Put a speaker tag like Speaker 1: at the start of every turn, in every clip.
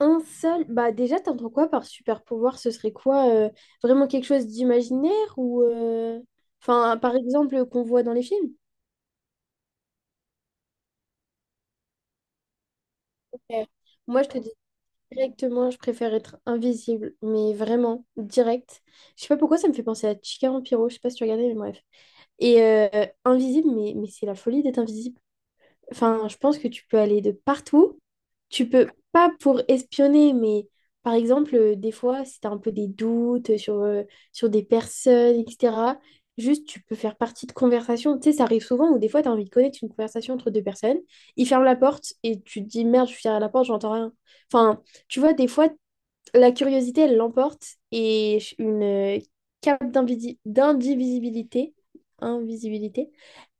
Speaker 1: Un seul, bah déjà, t'entends quoi par super pouvoir? Ce serait quoi? Vraiment quelque chose d'imaginaire ou enfin, par exemple, qu'on voit dans les films? Ok. Moi, je te dis directement, je préfère être invisible, mais vraiment direct. Je sais pas pourquoi ça me fait penser à Chica Vampiro, je sais pas si tu regardais, mais bref. Et invisible, mais c'est la folie d'être invisible. Enfin, je pense que tu peux aller de partout. Tu peux, pas pour espionner, mais par exemple, des fois, si tu as un peu des doutes sur, sur des personnes, etc., juste tu peux faire partie de conversations. Tu sais, ça arrive souvent où des fois, tu as envie de connaître une conversation entre deux personnes, ils ferment la porte et tu te dis, merde, je suis derrière la porte, j'entends rien. Enfin, tu vois, des fois, la curiosité, elle l'emporte et une cape d'indivisibilité, invisibilité.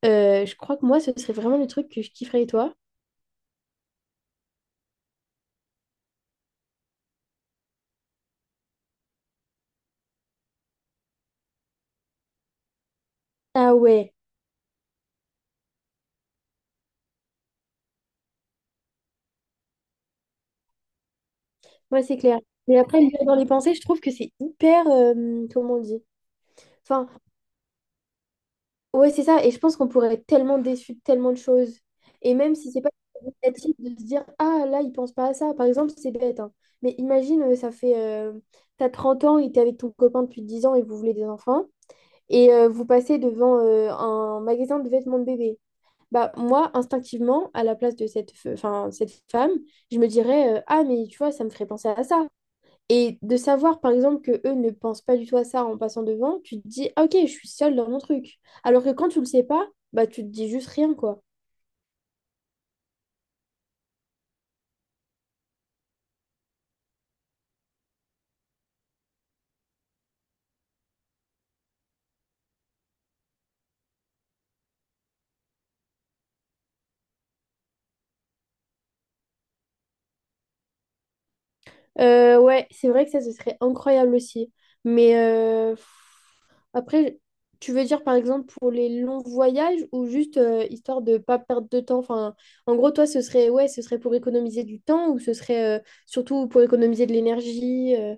Speaker 1: Je crois que moi, ce serait vraiment le truc que je kifferais et toi. Ah ouais, moi c'est clair. Mais après, lire dans les pensées, je trouve que c'est hyper, comment on dit? Enfin, ouais, c'est ça. Et je pense qu'on pourrait être tellement déçu de tellement de choses. Et même si c'est pas négatif de se dire, ah là, il pense pas à ça. Par exemple, c'est bête, hein. Mais imagine, ça fait, t'as 30 ans et t'es avec ton copain depuis 10 ans et vous voulez des enfants. Et vous passez devant un magasin de vêtements de bébé. Bah, moi, instinctivement, à la place de cette, enfin, cette femme, je me dirais, ah, mais tu vois, ça me ferait penser à ça. Et de savoir, par exemple, que eux ne pensent pas du tout à ça en passant devant, tu te dis, ah, ok, je suis seule dans mon truc. Alors que quand tu le sais pas, bah, tu te dis juste rien, quoi. Ouais, c'est vrai que ça, ce serait incroyable aussi. Mais après, tu veux dire par exemple pour les longs voyages ou juste histoire de pas perdre de temps? Enfin, en gros, toi, ce serait ouais, ce serait pour économiser du temps ou ce serait surtout pour économiser de l'énergie?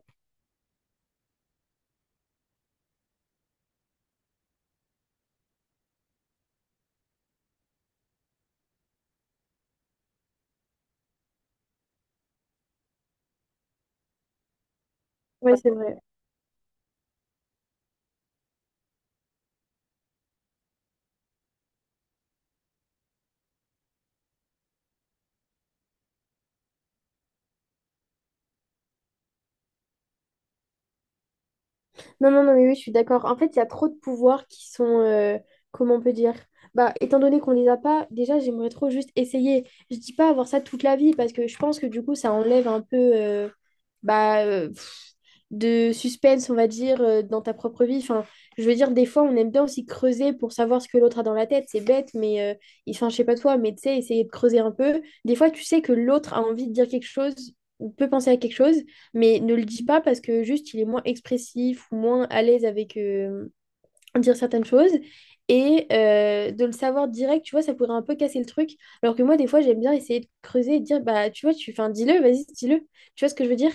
Speaker 1: Ouais, c'est vrai. Non, non, non, mais oui, je suis d'accord. En fait, il y a trop de pouvoirs qui sont, comment on peut dire? Bah, étant donné qu'on les a pas, déjà, j'aimerais trop juste essayer. Je dis pas avoir ça toute la vie parce que je pense que du coup, ça enlève un peu. Bah, euh, de suspense, on va dire, dans ta propre vie. Enfin, je veux dire, des fois, on aime bien aussi creuser pour savoir ce que l'autre a dans la tête. C'est bête, mais enfin, je sais pas toi, mais tu sais, essayer de creuser un peu. Des fois, tu sais que l'autre a envie de dire quelque chose ou peut penser à quelque chose, mais ne le dit pas parce que juste, il est moins expressif ou moins à l'aise avec dire certaines choses. Et de le savoir direct, tu vois, ça pourrait un peu casser le truc. Alors que moi, des fois, j'aime bien essayer de creuser et de dire, bah, tu vois, enfin, dis-le, vas-y, dis-le. Tu vois ce que je veux dire?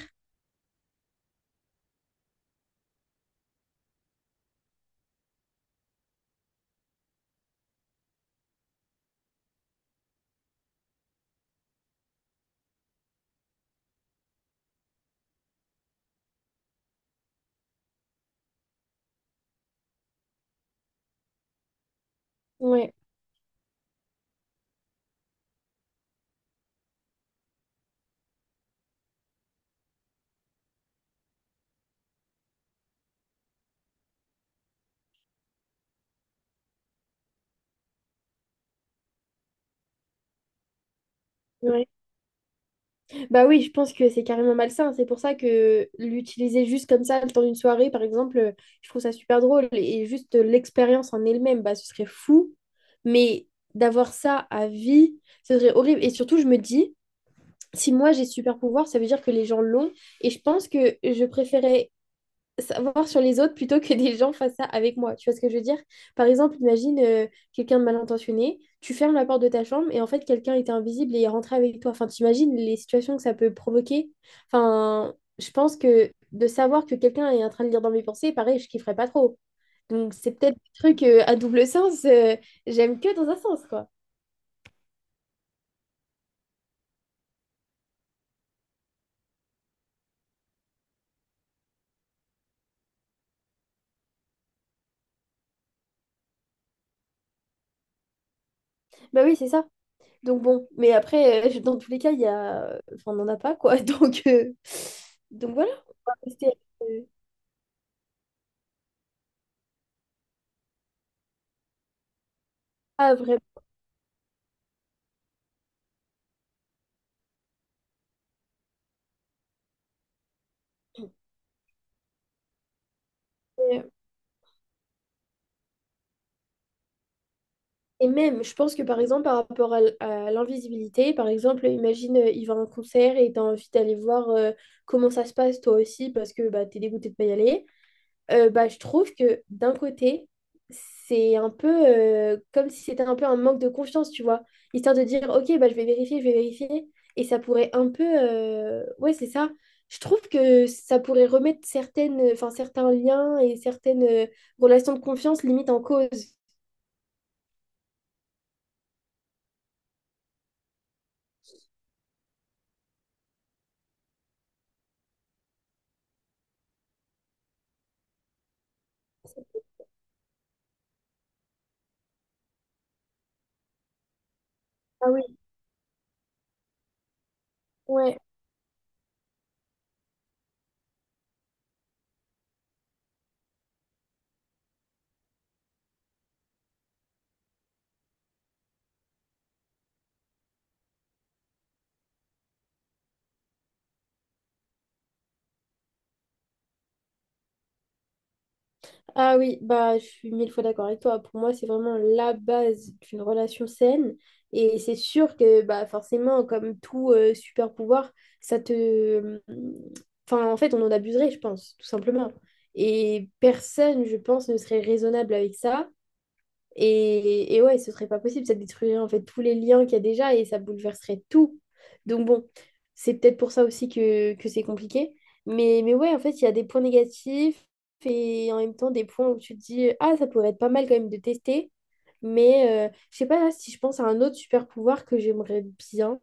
Speaker 1: Ouais, ouais. Bah oui, je pense que c'est carrément malsain. C'est pour ça que l'utiliser juste comme ça, le temps d'une soirée, par exemple, je trouve ça super drôle. Et juste l'expérience en elle-même, bah, ce serait fou. Mais d'avoir ça à vie, ce serait horrible. Et surtout, je me dis, si moi j'ai ce super pouvoir, ça veut dire que les gens l'ont. Et je pense que je préférais savoir sur les autres plutôt que des gens fassent ça avec moi. Tu vois ce que je veux dire? Par exemple, imagine quelqu'un de mal intentionné, tu fermes la porte de ta chambre et en fait quelqu'un était invisible et est rentré avec toi. Enfin, t'imagines les situations que ça peut provoquer? Enfin, je pense que de savoir que quelqu'un est en train de lire dans mes pensées, pareil, je kifferais pas trop. Donc c'est peut-être des trucs à double sens, j'aime que dans un sens, quoi. Bah oui, c'est ça. Donc bon, mais après, dans tous les cas, il y a... Enfin, on n'en a pas, quoi. Donc, donc voilà, on va rester... euh, Ah, vraiment. Et et même, je pense que par exemple, par rapport à à l'invisibilité, par exemple, imagine, il va à un concert et t'as envie d'aller voir comment ça se passe toi aussi parce que bah, t'es dégoûté de pas y aller. Bah, je trouve que d'un côté, c'est un peu comme si c'était un peu un manque de confiance, tu vois. Histoire de dire, ok, bah, je vais vérifier, je vais vérifier. Et ça pourrait un peu... Ouais, c'est ça. Je trouve que ça pourrait remettre certaines, enfin, certains liens et certaines relations de confiance limite en cause. Ah oui, ouais. Ah oui, bah, je suis mille fois d'accord avec toi. Pour moi, c'est vraiment la base d'une relation saine. Et c'est sûr que bah, forcément, comme tout super pouvoir, ça te... Enfin, en fait, on en abuserait, je pense, tout simplement. Et personne, je pense, ne serait raisonnable avec ça. Et ouais, ce serait pas possible, ça détruirait en fait tous les liens qu'il y a déjà et ça bouleverserait tout. Donc bon, c'est peut-être pour ça aussi que c'est compliqué. Mais ouais, en fait, il y a des points négatifs et en même temps des points où tu te dis, ah, ça pourrait être pas mal quand même de tester. Mais je sais pas là, si je pense à un autre super pouvoir que j'aimerais bien.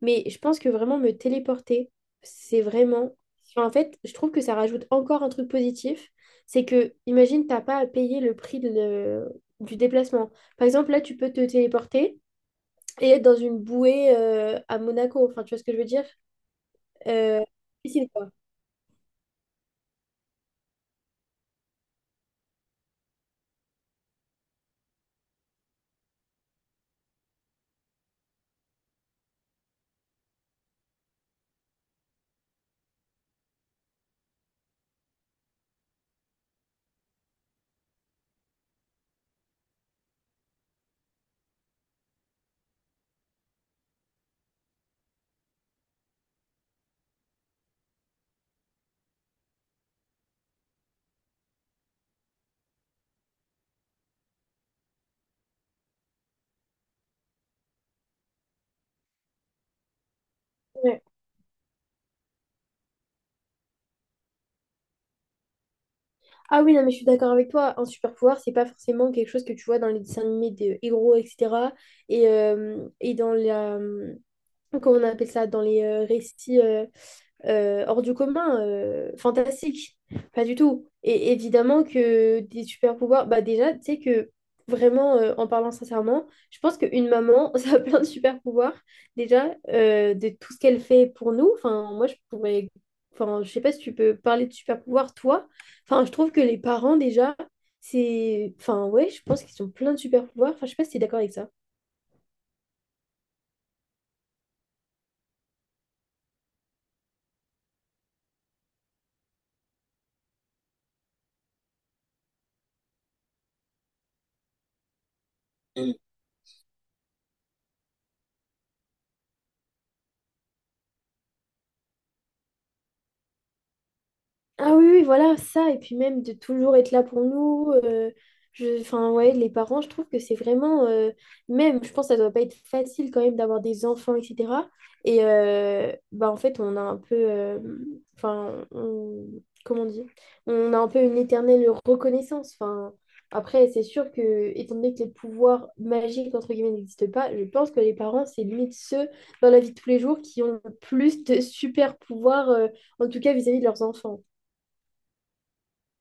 Speaker 1: Mais je pense que vraiment me téléporter, c'est vraiment... Enfin, en fait, je trouve que ça rajoute encore un truc positif. C'est que, imagine, t'as pas à payer le prix de du déplacement. Par exemple, là, tu peux te téléporter et être dans une bouée à Monaco. Enfin, tu vois ce que je veux dire? Euh, Piscine, quoi. Ouais. Ah oui, non, mais je suis d'accord avec toi. Un super pouvoir, c'est pas forcément quelque chose que tu vois dans les dessins animés des héros, etc. Et dans la... Comment on appelle ça? Dans les récits... hors du commun, fantastique. Pas du tout. Et évidemment que des super pouvoirs, bah déjà, tu sais que vraiment, en parlant sincèrement, je pense qu'une maman, ça a plein de super pouvoirs. Déjà, de tout ce qu'elle fait pour nous. Enfin, moi, je pourrais. Enfin, je sais pas si tu peux parler de super pouvoirs, toi. Enfin, je trouve que les parents, déjà, c'est. Enfin, ouais, je pense qu'ils ont plein de super pouvoirs. Enfin, je sais pas si tu es d'accord avec ça. Mm. Ah oui, oui, voilà, ça, et puis même de toujours être là pour nous. Je, enfin, ouais, les parents, je trouve que c'est vraiment, même, je pense que ça doit pas être facile quand même d'avoir des enfants, etc. Et bah, en fait, on a un peu, enfin, comment dire, on a un peu une éternelle reconnaissance. Enfin, après, c'est sûr que, étant donné que les pouvoirs magiques, entre guillemets, n'existent pas, je pense que les parents, c'est limite ceux dans la vie de tous les jours qui ont le plus de super pouvoirs, en tout cas vis-à-vis de leurs enfants.